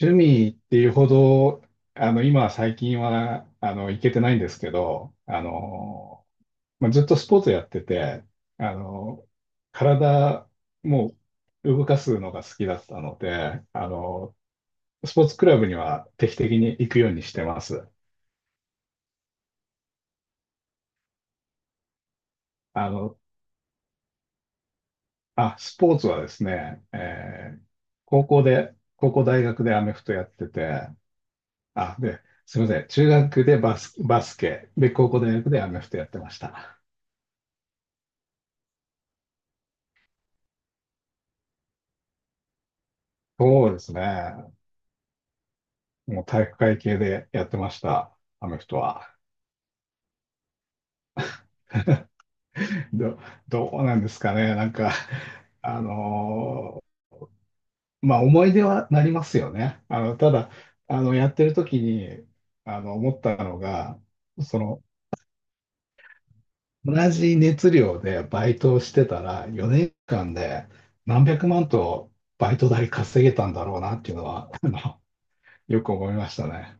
趣味っていうほど、今最近は、行けてないんですけど、まあ、ずっとスポーツやってて、あの、体もう動かすのが好きだったので、スポーツクラブには定期的に行くようにしてます。あの、あ、スポーツはですね、高校大学でアメフトやってて、あ、で、すみません、中学でバスケ、で、高校大学でアメフトやってました。そうですね。もう体育会系でやってました、アメフトは。ど、どうなんですかね。なんか、あのーまあ思い出はなりますよね。ただ、やってる時に、思ったのが、その、同じ熱量でバイトをしてたら、4年間で何百万とバイト代稼げたんだろうなっていうのは、よく思いましたね。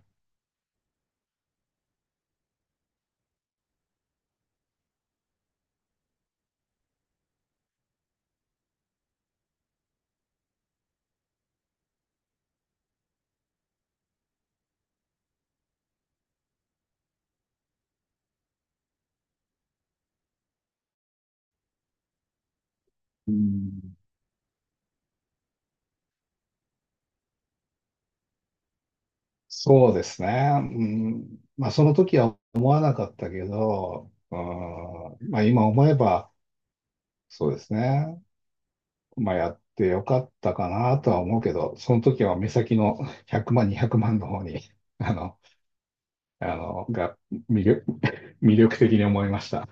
うん、そうですね。うん、まあ、その時は思わなかったけど、うん、まあ、今思えば、そうですね。まあ、やってよかったかなとは思うけど、その時は目先の100万、200万の方に、あの、が魅力、魅力的に思いました。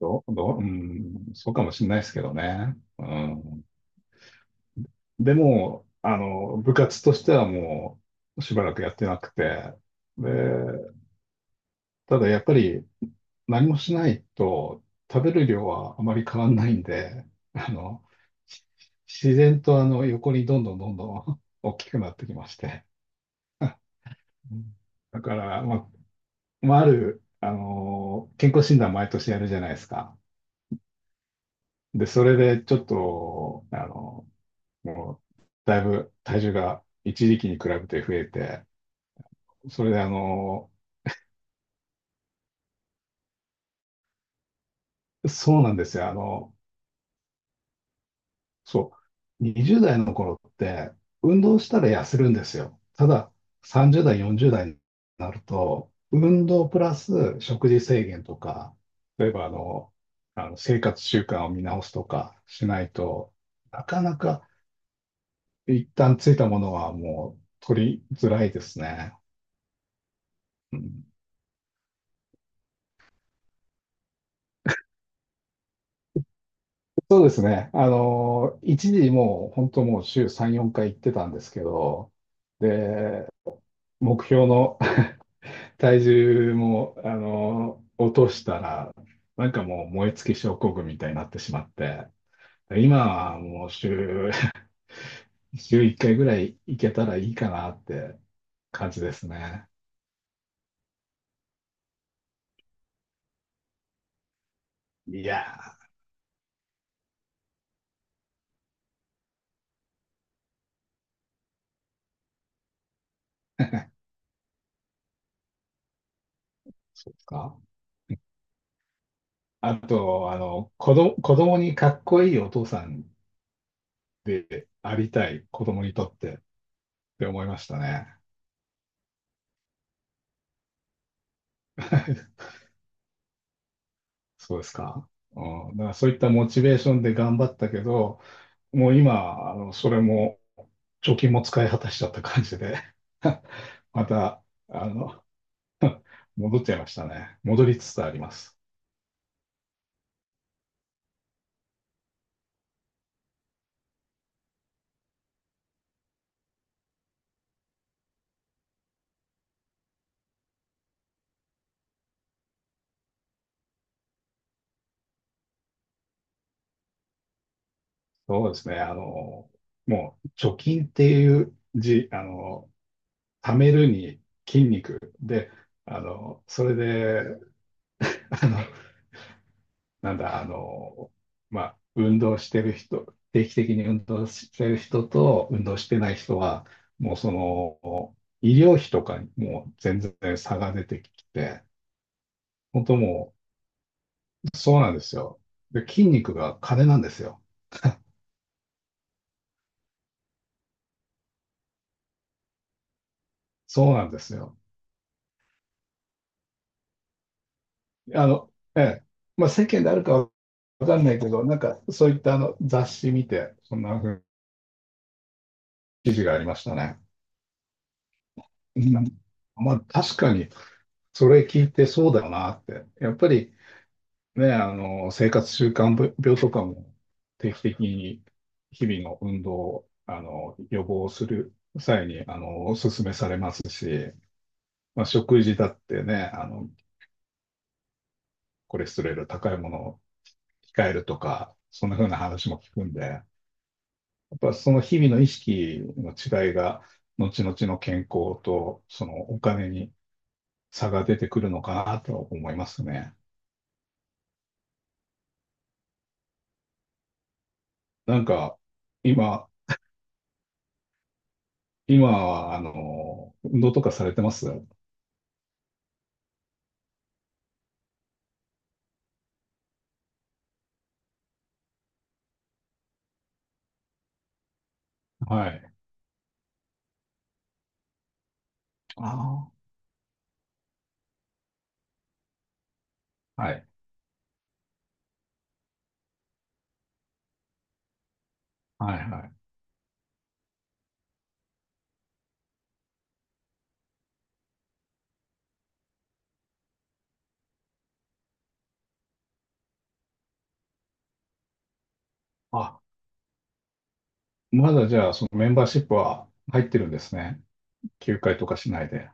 どう、うん、そうかもしれないですけどね。うん、でも、部活としてはもう、しばらくやってなくて、で、ただやっぱり、何もしないと食べる量はあまり変わんないんで、あの、し自然とあの横にどんどんどんどん 大きくなってきまして。うん、だから、まあ、ある、あの、健康診断毎年やるじゃないですか。で、それでちょっと、もう、だいぶ体重が一時期に比べて増えて、それで、そうなんですよ。そう。20代の頃って、運動したら痩せるんですよ。ただ、30代、40代になると、運動プラス食事制限とか、例えば、あの生活習慣を見直すとかしないと、なかなか一旦ついたものはもう取りづらいですね。うん、そうですね。一時もう本当もう週3、4回行ってたんですけど、で、目標の 体重も、落としたら、なんかもう燃え尽き症候群みたいになってしまって、今はもう週1回ぐらい行けたらいいかなって感じですね。いやー、そうですか。あと、子供にかっこいいお父さんでありたい、子供にとってって思いましたね。そうですか。うん、だからそういったモチベーションで頑張ったけど、もう今、それも貯金も使い果たしちゃった感じで また、あの、戻っちゃいましたね。戻りつつあります。そうですね。もう、貯金っていう字、貯めるに筋肉で、それで、あの、なんだ、あの、まあ、運動してる人、定期的に運動してる人と運動してない人は、もう、その、医療費とかにもう全然差が出てきて、本当もうそうなんですよ。で、筋肉が金なんですよ。そうなんですよ。ええ。まあ、世間であるかわかんないけど、なんか、そういったあの雑誌見て、そんな風に記事がありましたね。うん、まあ、確かに、それ聞いてそうだよなって。やっぱりね、生活習慣病とかも定期的に日々の運動を、予防する際に、お勧めされますし、まあ、食事だってね、コレステロール高いものを控えるとか、そんな風な話も聞くんで、やっぱその日々の意識の違いが、後々の健康とそのお金に差が出てくるのかなと思いますね。なんか、今、今は、運動とかされてます？はい。ああ、はい。はいはい。あ、まだじゃあ、そのメンバーシップは入ってるんですね。休会とかしないで。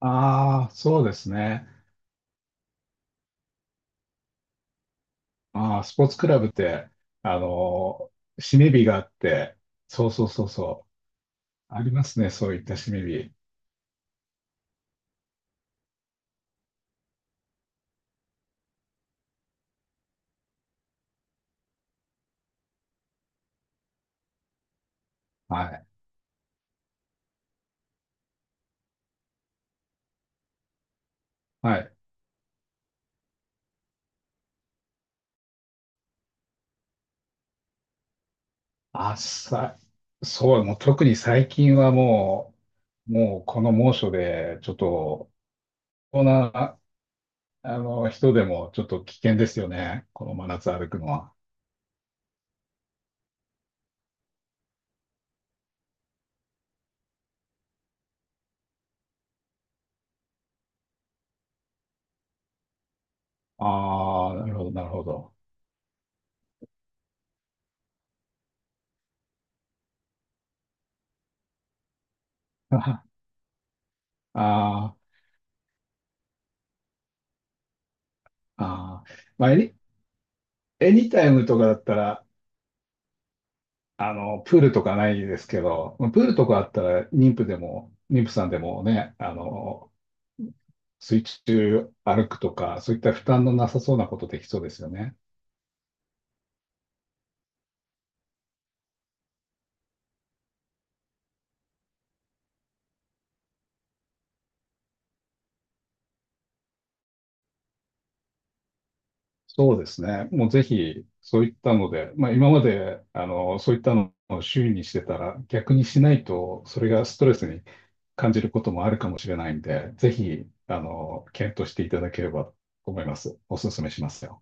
ああ、そうですね。ああ、スポーツクラブって、あの、締め日があって、そうそうそうそう、ありますね、そういった締め日。はい。はい。あ、そう、もう特に最近はもうこの猛暑で、ちょっと、こんな、人でもちょっと危険ですよね、この真夏歩くのは。ああ、なるほど、なるほど。ああ、ああ、まあ、エニタイムとかだったら、プールとかないですけど、プールとかあったら、妊婦さんでもね、水中歩くとか、そういった負担のなさそうなことできそうですよね。そうですね。もうぜひ、そういったので、まあ今まで、そういったのを周囲にしてたら、逆にしないと、それがストレスに感じることもあるかもしれないんで、ぜひ、検討していただければと思います。お勧めしますよ。